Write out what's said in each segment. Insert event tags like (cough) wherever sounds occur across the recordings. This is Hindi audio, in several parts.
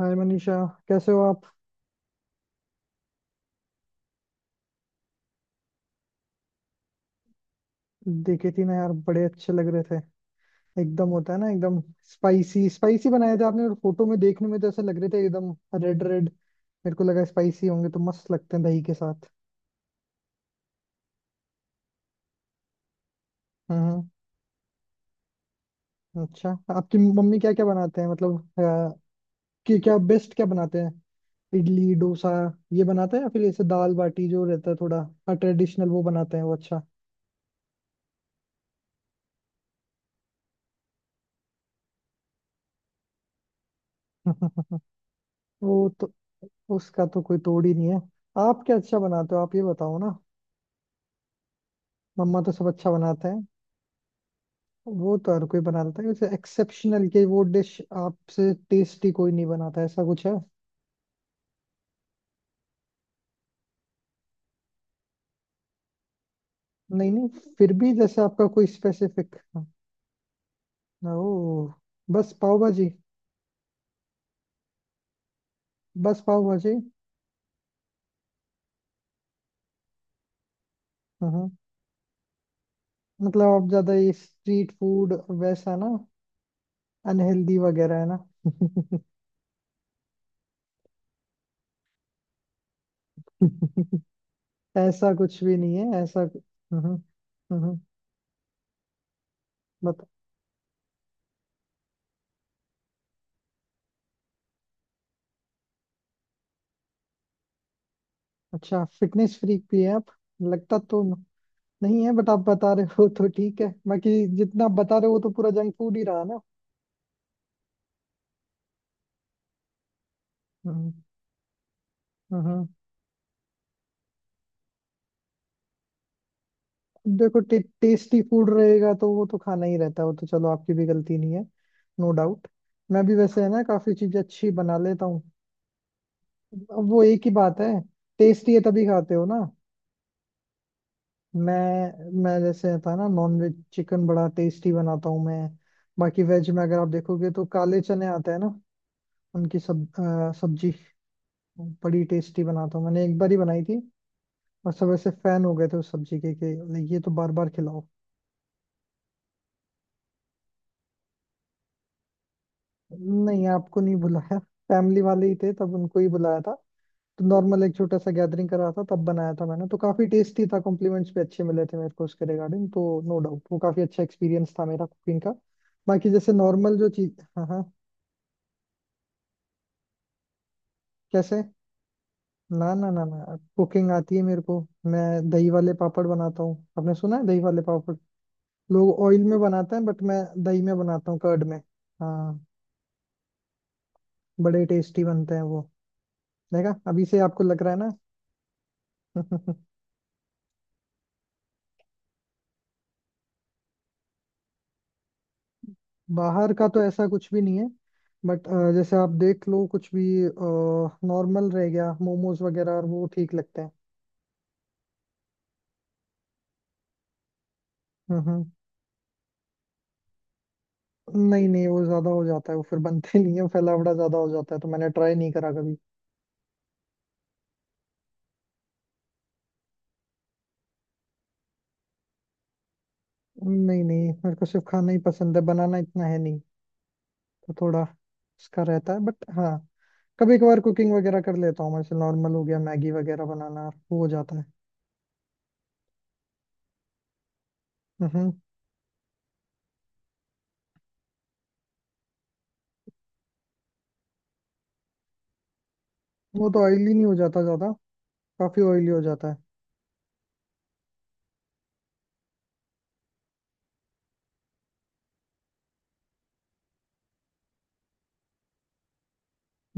हाय मनीषा। कैसे हो आप? देखे थी ना यार, बड़े अच्छे लग रहे थे। एकदम होता है ना, एकदम स्पाइसी स्पाइसी बनाए थे आपने, और फोटो में देखने में तो ऐसे लग रहे थे एकदम रेड रेड। मेरे को लगा स्पाइसी होंगे तो मस्त लगते हैं दही के साथ। हम्म। अच्छा, आपकी मम्मी क्या क्या बनाते हैं, मतलब कि क्या बेस्ट क्या बनाते हैं? इडली डोसा ये बनाते हैं या फिर ऐसे दाल बाटी जो रहता है, थोड़ा ट्रेडिशनल वो बनाते हैं? वो अच्छा। (laughs) वो तो, उसका तो कोई तोड़ ही नहीं है। आप क्या अच्छा बनाते हो, आप ये बताओ ना। मम्मा तो सब अच्छा बनाते हैं, वो तो हर कोई बना लेता है, वैसे एक्सेप्शनल के वो डिश आपसे टेस्टी कोई नहीं बनाता, ऐसा कुछ है? नहीं नहीं, फिर भी जैसे आपका कोई स्पेसिफिक। ओ। बस पाव भाजी? बस पाव भाजी? हम्म। मतलब आप ज्यादा ये स्ट्रीट फूड वैसा ना, अनहेल्दी वगैरह है ना? (laughs) ऐसा कुछ भी नहीं है ऐसा। हम्म। हम्म। बता। अच्छा, फिटनेस फ्रीक भी है आप? लगता तो नहीं है, बट आप बता रहे हो तो ठीक है। बाकी जितना आप बता रहे हो वो तो पूरा जंक फूड ही रहा ना। हम्म। हम्म। अब देखो, टेस्टी फूड रहेगा तो वो तो खाना ही रहता है, वो तो चलो, आपकी भी गलती नहीं है। No doubt. मैं भी वैसे है ना, काफी चीजें अच्छी बना लेता हूँ। अब वो एक ही बात है, टेस्टी है तभी खाते हो ना। मैं जैसे था ना, नॉन वेज चिकन बड़ा टेस्टी बनाता हूँ मैं। बाकी वेज में अगर आप देखोगे तो काले चने आते हैं ना, उनकी सब्जी बड़ी टेस्टी बनाता हूँ। मैंने एक बार ही बनाई थी और सब ऐसे फैन हो गए थे उस सब्जी के कि like, ये तो बार बार खिलाओ। नहीं, आपको नहीं बुलाया, फैमिली वाले ही थे तब, उनको ही बुलाया था। तो नॉर्मल एक छोटा सा गैदरिंग करा था, तब बनाया था मैंने, तो काफी टेस्टी था, कॉम्प्लीमेंट्स भी अच्छे मिले थे मेरे को उसके रिगार्डिंग, तो नो डाउट वो काफी अच्छा एक्सपीरियंस था मेरा कुकिंग का। बाकी जैसे नॉर्मल जो चीज। हाँ हाँ। कैसे? ना ना ना ना, कुकिंग आती है मेरे को। मैं दही वाले पापड़ बनाता हूँ, आपने सुना है दही वाले पापड़? लोग ऑयल में बनाते हैं बट मैं दही में बनाता हूँ, कर्ड में। हाँ। बड़े टेस्टी बनते हैं वो। देखा, अभी से आपको लग रहा है ना। (laughs) बाहर का तो ऐसा कुछ भी नहीं है, बट जैसे आप देख लो कुछ भी नॉर्मल रह गया, मोमोज वगैरह, और वो ठीक लगते हैं। हम्म। हम्म। नहीं नहीं, वो ज्यादा हो जाता है, वो फिर बनते (laughs) नहीं है, फैलावड़ा ज्यादा हो जाता है, तो मैंने ट्राई नहीं करा कभी। नहीं नहीं, मेरे को सिर्फ खाना ही पसंद है, बनाना इतना है नहीं, तो थोड़ा उसका रहता है, बट हाँ, कभी कभार कुकिंग वगैरह कर लेता हूँ मैं, जैसे नॉर्मल हो गया मैगी वगैरह बनाना, वो हो जाता है। हम्म। वो तो ऑयली नहीं हो जाता ज्यादा? काफी ऑयली हो जाता है।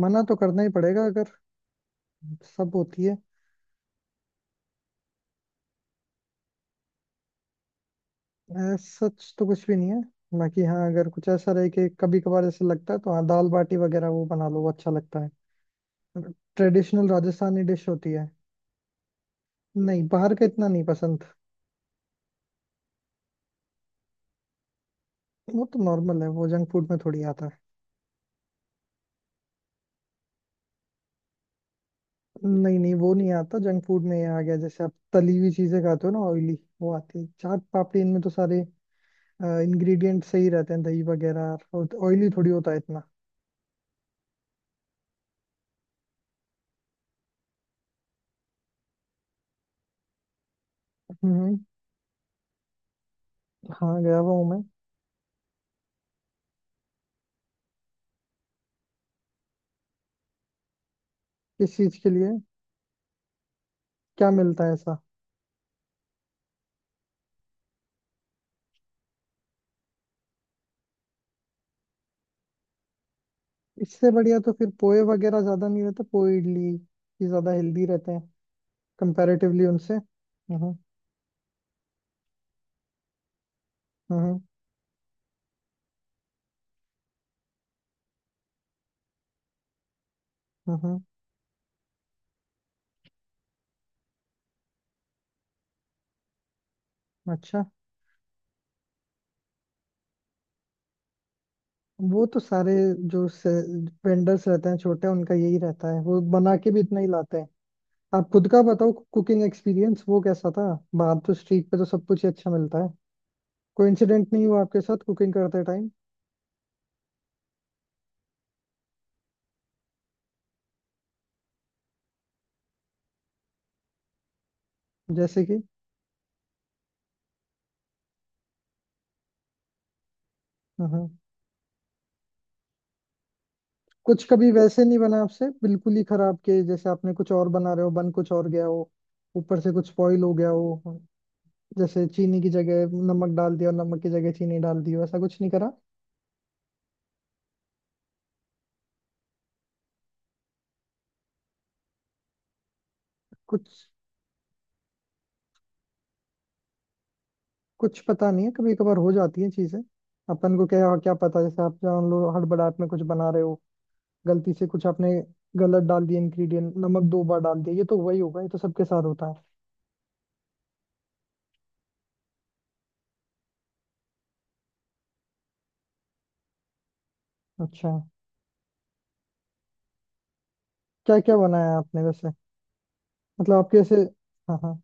मना तो करना ही पड़ेगा अगर। सब होती है। सच तो कुछ भी नहीं है, बाकी हाँ, अगर कुछ ऐसा रहे कि कभी कभार ऐसे लगता है तो हाँ, दाल बाटी वगैरह वो बना लो, वो अच्छा लगता है, ट्रेडिशनल राजस्थानी डिश होती है। नहीं, बाहर का इतना नहीं पसंद। वो तो नॉर्मल है, वो जंक फूड में थोड़ी आता है। नहीं नहीं, वो नहीं आता जंक फूड में, ये आ गया जैसे आप तली हुई चीजें खाते हो ना ऑयली, वो आती है। चाट पापड़ी इनमें तो सारे इंग्रेडिएंट सही रहते हैं, दही वगैरह, और ऑयली थोड़ी होता है इतना। हम्म। हाँ, गया हुआ हूँ मैं। किस चीज के लिए? क्या मिलता है ऐसा? इससे बढ़िया तो फिर पोहे वगैरह, ज्यादा नहीं रहते पोहे इडली, ये ज्यादा हेल्दी रहते हैं कंपैरेटिवली उनसे। हम्म। हम्म। हम्म। अच्छा। वो तो सारे जो वेंडर्स रहते हैं छोटे, उनका यही रहता है, वो बना के भी इतना ही लाते हैं। आप खुद का बताओ, कुकिंग एक्सपीरियंस वो कैसा था, बाहर तो स्ट्रीट पे तो सब कुछ ही अच्छा मिलता है, कोई इंसिडेंट नहीं हुआ आपके साथ कुकिंग करते टाइम? जैसे कि। हम्म। कुछ कभी वैसे नहीं बना आपसे बिल्कुल ही खराब के, जैसे आपने कुछ और बना रहे हो बन कुछ और गया हो, ऊपर से कुछ स्पॉइल हो गया हो, जैसे चीनी की जगह नमक डाल दिया और नमक की जगह चीनी डाल दी हो, ऐसा कुछ नहीं करा? कुछ कुछ पता नहीं है, कभी कभार हो जाती है चीजें, अपन को क्या क्या पता, जैसे आप जान लो हड़बड़ाहट में कुछ बना रहे हो, गलती से कुछ आपने गलत डाल दिया इंग्रेडिएंट, नमक दो बार डाल दिया, ये तो वही होगा, ये तो सबके साथ होता है। अच्छा, क्या क्या बनाया आपने वैसे? मतलब आपके ऐसे। हाँ हाँ।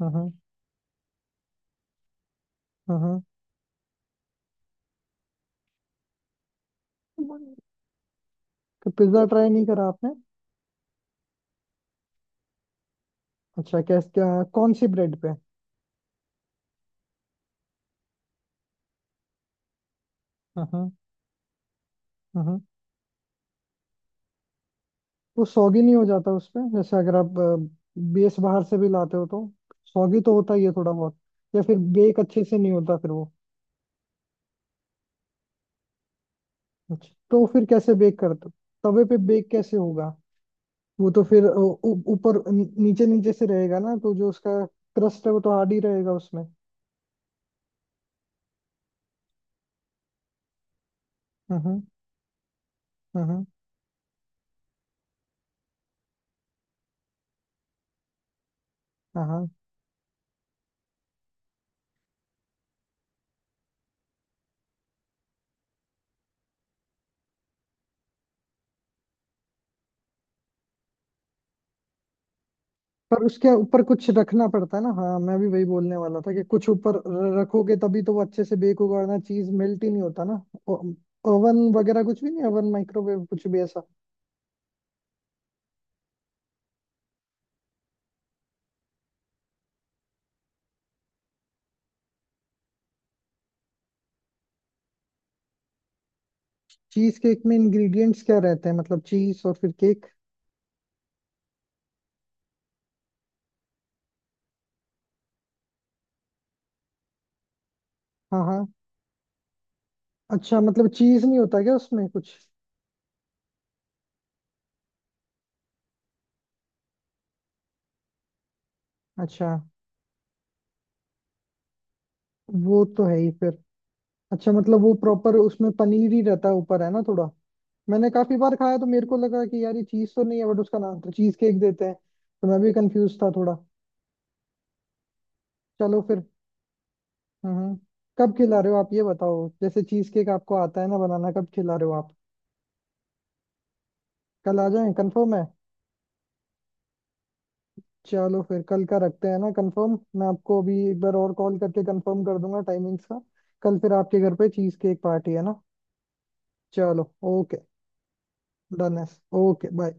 हाँ हाँ। हाँ हाँ। तो पिज्जा ट्राई नहीं करा आपने? अच्छा, कैस क्या? कौन सी ब्रेड पे? हाँ हाँ। हाँ हाँ। वो सॉगी नहीं हो जाता उस पे, जैसे अगर आप बेस बाहर से भी लाते हो तो सॉगी तो होता ही है थोड़ा बहुत, या फिर बेक अच्छे से नहीं होता फिर वो। अच्छा, तो फिर कैसे बेक करते हो, तवे पे बेक कैसे होगा? वो तो फिर ऊपर नीचे, नीचे से रहेगा ना, तो जो उसका क्रस्ट है वो तो हार्ड ही रहेगा उसमें। हाँ हाँ। हाँ हाँ। पर उसके ऊपर कुछ रखना पड़ता है ना, हाँ, मैं भी वही बोलने वाला था कि कुछ ऊपर रखोगे तभी तो वो अच्छे से बेक होगा, वरना चीज मेल्ट ही नहीं होता ना। ओवन वगैरह कुछ भी नहीं? ओवन माइक्रोवेव कुछ भी ऐसा? चीज केक में इंग्रेडिएंट्स क्या रहते हैं, मतलब चीज और फिर केक? हाँ हाँ। अच्छा, मतलब चीज नहीं होता क्या उसमें कुछ? अच्छा। वो तो है ही फिर। अच्छा, मतलब वो प्रॉपर उसमें पनीर ही रहता है ऊपर है ना थोड़ा? मैंने काफी बार खाया, तो मेरे को लगा कि यार ये चीज तो नहीं है, बट उसका नाम तो चीज केक देते हैं, तो मैं भी कंफ्यूज था थोड़ा। चलो फिर। हम्म। कब खिला रहे हो आप, ये बताओ, जैसे चीज केक आपको आता है ना बनाना, कब खिला रहे हो आप? कल आ जाएं, कंफर्म है? चलो फिर कल का रखते हैं ना कंफर्म, मैं आपको अभी एक बार और कॉल करके कंफर्म कर दूंगा टाइमिंग्स का। कल फिर आपके घर पे चीज केक पार्टी है ना। चलो ओके। डन है। Okay bye.